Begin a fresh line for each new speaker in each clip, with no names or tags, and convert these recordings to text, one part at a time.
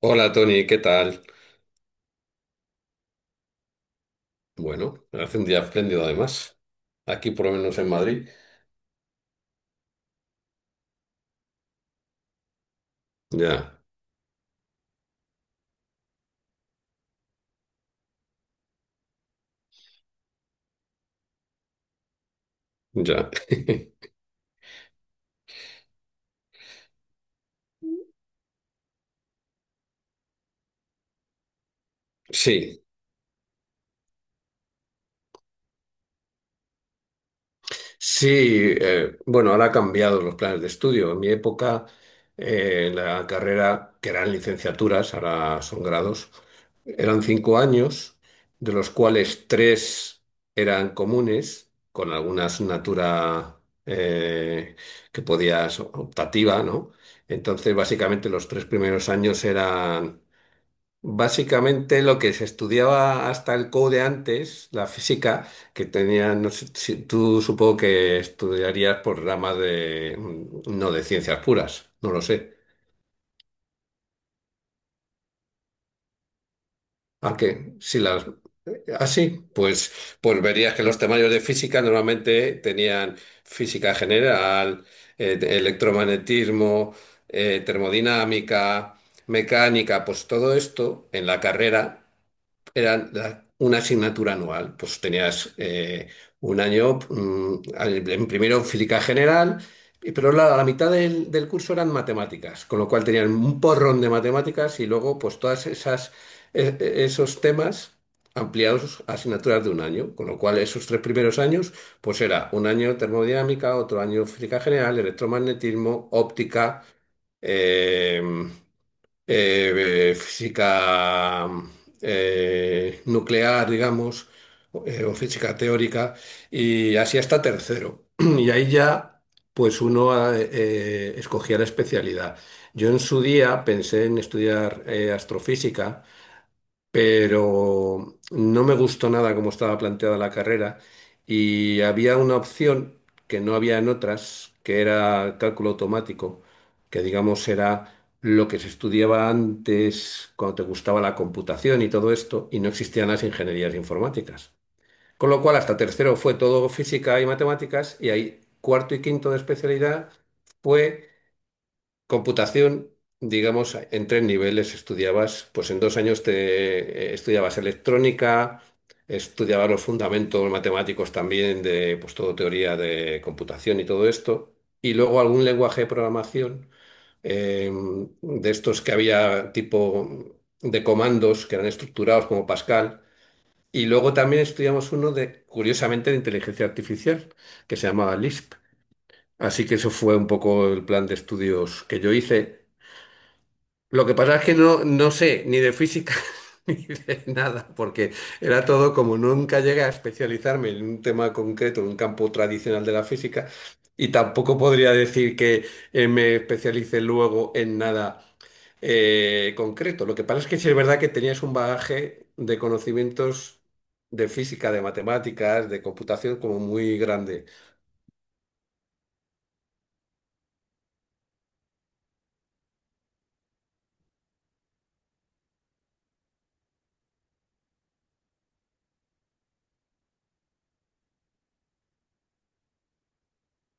Hola Tony, ¿qué tal? Bueno, hace un día espléndido además. Aquí por lo menos en Madrid. Ya, ya. Sí, sí. Bueno, ahora ha cambiado los planes de estudio. En mi época, la carrera, que eran licenciaturas, ahora son grados, eran cinco años, de los cuales tres eran comunes, con alguna asignatura eh, que podías optativa, ¿no? Entonces, básicamente los tres primeros años eran Básicamente lo que se estudiaba hasta el code antes, la física, que tenía, no sé, tú supongo que estudiarías por ramas de, no de ciencias puras, no lo sé. Ah, que si las, así, pues, pues verías que los temarios de física normalmente tenían física general, electromagnetismo, termodinámica, mecánica, pues todo esto en la carrera una asignatura anual. Pues tenías un año, en primero física general, pero la mitad del curso eran matemáticas, con lo cual tenían un porrón de matemáticas y luego pues todas esas, esos temas ampliados a asignaturas de un año, con lo cual esos tres primeros años pues era un año termodinámica, otro año física general, electromagnetismo, óptica. eh, Física nuclear, digamos, o física teórica, y así hasta tercero. Y ahí ya, pues uno escogía la especialidad. Yo en su día pensé en estudiar astrofísica, pero no me gustó nada cómo estaba planteada la carrera y había una opción que no había en otras, que era cálculo automático, que digamos era lo que se estudiaba antes cuando te gustaba la computación y todo esto, y no existían las ingenierías informáticas. Con lo cual, hasta tercero fue todo física y matemáticas, y ahí cuarto y quinto de especialidad fue computación, digamos. En tres niveles estudiabas, pues en dos años te estudiabas electrónica, estudiabas los fundamentos matemáticos también de, pues todo teoría de computación y todo esto, y luego algún lenguaje de programación eh, de estos que había tipo de comandos que eran estructurados como Pascal, y luego también estudiamos uno de, curiosamente, de inteligencia artificial que se llamaba Lisp. Así que eso fue un poco el plan de estudios que yo hice. Lo que pasa es que no sé ni de física ni de nada, porque era todo como nunca llegué a especializarme en un tema concreto, en un campo tradicional de la física, y tampoco podría decir que me especialice luego en nada concreto. Lo que pasa es que sí es verdad que tenías un bagaje de conocimientos de física, de matemáticas, de computación como muy grande.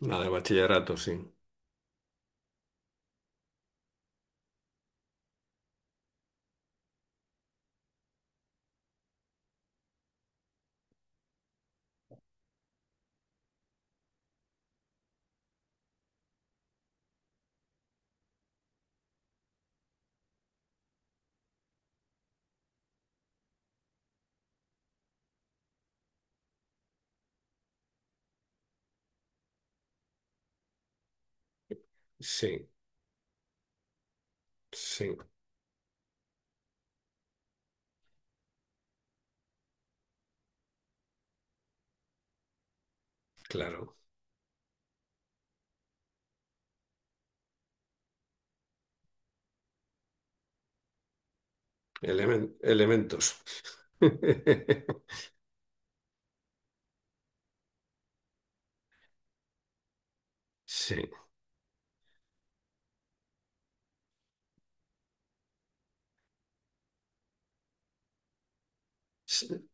Nada, de bachillerato, sí. Sí, sí, claro. Elementos. Sí, sí,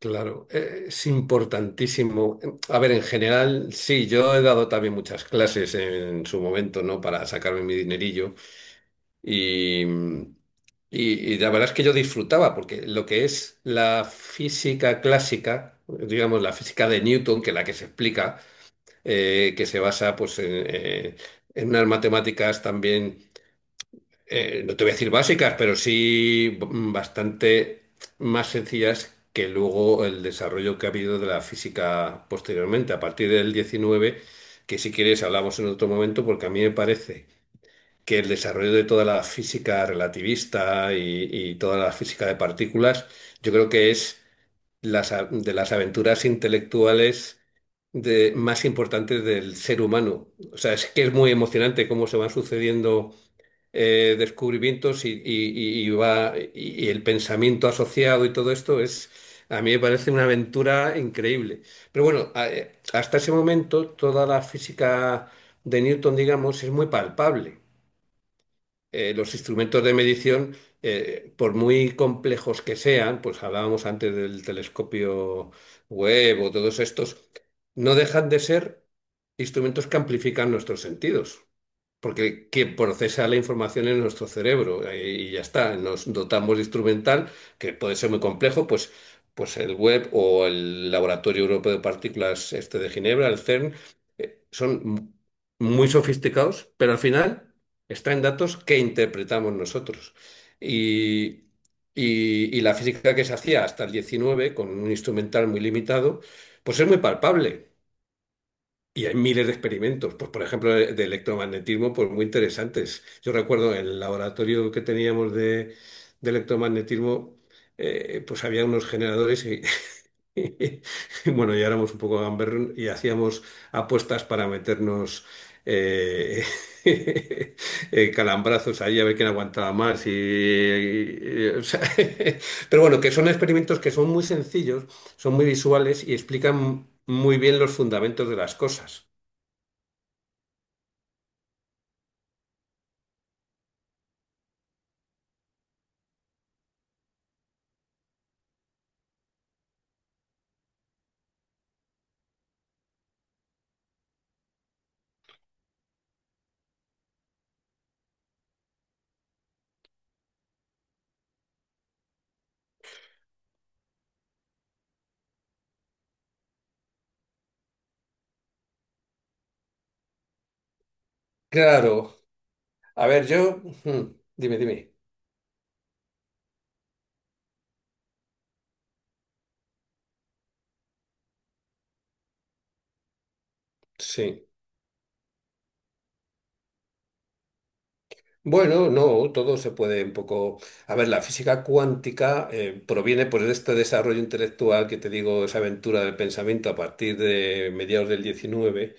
claro, es importantísimo. A ver, en general, sí, yo he dado también muchas clases en su momento, ¿no? Para sacarme mi dinerillo y, y la verdad es que yo disfrutaba, porque lo que es la física clásica, digamos, la física de Newton, que es la que se explica, que se basa pues, en unas matemáticas también no te voy a decir básicas, pero sí bastante más sencillas que luego el desarrollo que ha habido de la física posteriormente, a partir del diecinueve, que si quieres hablamos en otro momento, porque a mí me parece que el desarrollo de toda la física relativista y toda la física de partículas, yo creo que es de las aventuras intelectuales de, más importantes del ser humano. O sea, es que es muy emocionante cómo se van sucediendo descubrimientos y el pensamiento asociado y todo esto es, a mí me parece una aventura increíble. Pero bueno, hasta ese momento toda la física de Newton, digamos, es muy palpable. Los instrumentos de medición, por muy complejos que sean, pues hablábamos antes del telescopio Webb o todos estos, no dejan de ser instrumentos que amplifican nuestros sentidos porque que procesa la información en nuestro cerebro y ya está. Nos dotamos de instrumental, que puede ser muy complejo, pues el web o el Laboratorio Europeo de Partículas este de Ginebra, el CERN, eh, son m- muy sofisticados, pero al final está en datos que interpretamos nosotros. Y, y la física que se hacía hasta el 19 con un instrumental muy limitado, pues es muy palpable. Y hay miles de experimentos, pues por ejemplo, de electromagnetismo, pues muy interesantes. Yo recuerdo en el laboratorio que teníamos de electromagnetismo, pues había unos generadores y, y bueno, ya éramos un poco gamberros y hacíamos apuestas para meternos eh, calambrazos ahí a ver quién aguantaba más. O sea, pero bueno, que son experimentos que son muy sencillos, son muy visuales y explican muy bien los fundamentos de las cosas. Claro. A ver, yo... hmm, dime, dime. Sí. Bueno, no, todo se puede un poco... A ver, la física cuántica proviene pues, de este desarrollo intelectual que te digo, esa aventura del pensamiento a partir de mediados del diecinueve,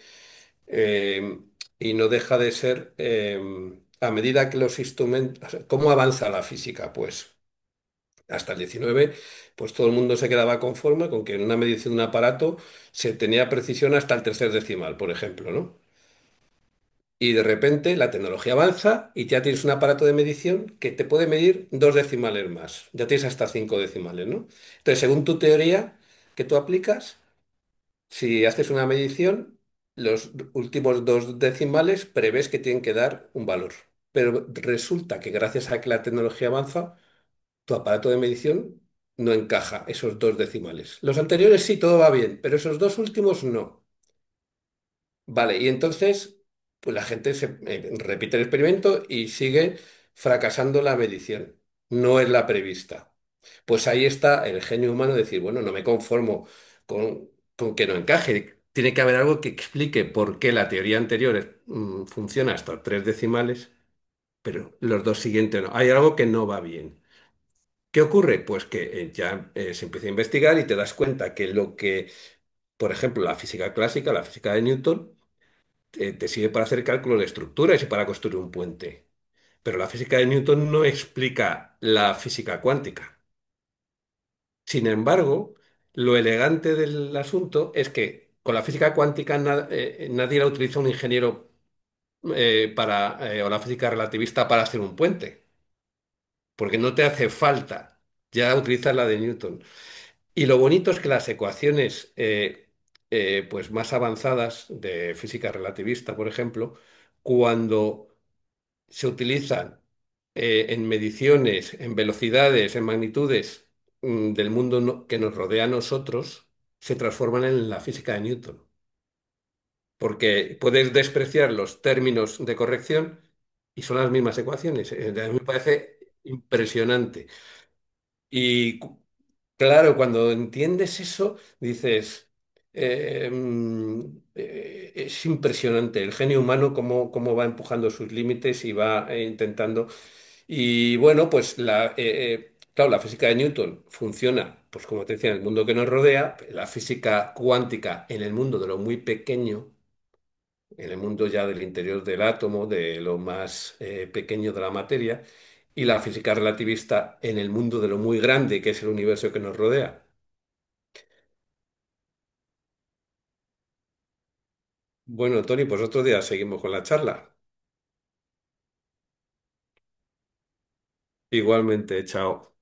eh, y no deja de ser, a medida que los instrumentos... O sea, ¿cómo avanza la física? Pues hasta el 19, pues todo el mundo se quedaba conforme con que en una medición de un aparato se tenía precisión hasta el tercer decimal, por ejemplo, ¿no? Y de repente la tecnología avanza y ya tienes un aparato de medición que te puede medir dos decimales más. Ya tienes hasta cinco decimales, ¿no? Entonces, según tu teoría que tú aplicas, si haces una medición, los últimos dos decimales prevés que tienen que dar un valor. Pero resulta que gracias a que la tecnología avanza, tu aparato de medición no encaja esos dos decimales. Los anteriores sí, todo va bien, pero esos dos últimos no. Vale, y entonces, pues la gente se, repite el experimento y sigue fracasando la medición. No es la prevista. Pues ahí está el genio humano de decir, bueno, no me conformo con, con que no encaje. Tiene que haber algo que explique por qué la teoría anterior funciona hasta tres decimales, pero los dos siguientes no. Hay algo que no va bien. ¿Qué ocurre? Pues que se empieza a investigar y te das cuenta que lo que, por ejemplo, la física clásica, la física de Newton, te sirve para hacer cálculos de estructuras y para construir un puente. Pero la física de Newton no explica la física cuántica. Sin embargo, lo elegante del asunto es que con la física cuántica nadie la utiliza un ingeniero o la física relativista para hacer un puente, porque no te hace falta. Ya utilizas la de Newton. Y lo bonito es que las ecuaciones pues más avanzadas de física relativista, por ejemplo, cuando se utilizan en mediciones, en velocidades, en magnitudes del mundo que nos rodea a nosotros, se transforman en la física de Newton. Porque puedes despreciar los términos de corrección y son las mismas ecuaciones. A mí me parece impresionante. Y cu- Claro, cuando entiendes eso, dices, eh, mm, es impresionante el genio humano cómo, cómo va empujando sus límites y va intentando. Y bueno, pues claro, la física de Newton funciona, pues como te decía, en el mundo que nos rodea, la física cuántica en el mundo de lo muy pequeño, en el mundo ya del interior del átomo, de lo más pequeño de la materia, y la física relativista en el mundo de lo muy grande que es el universo que nos rodea. Bueno, Tony, pues otro día seguimos con la charla. Igualmente, chao.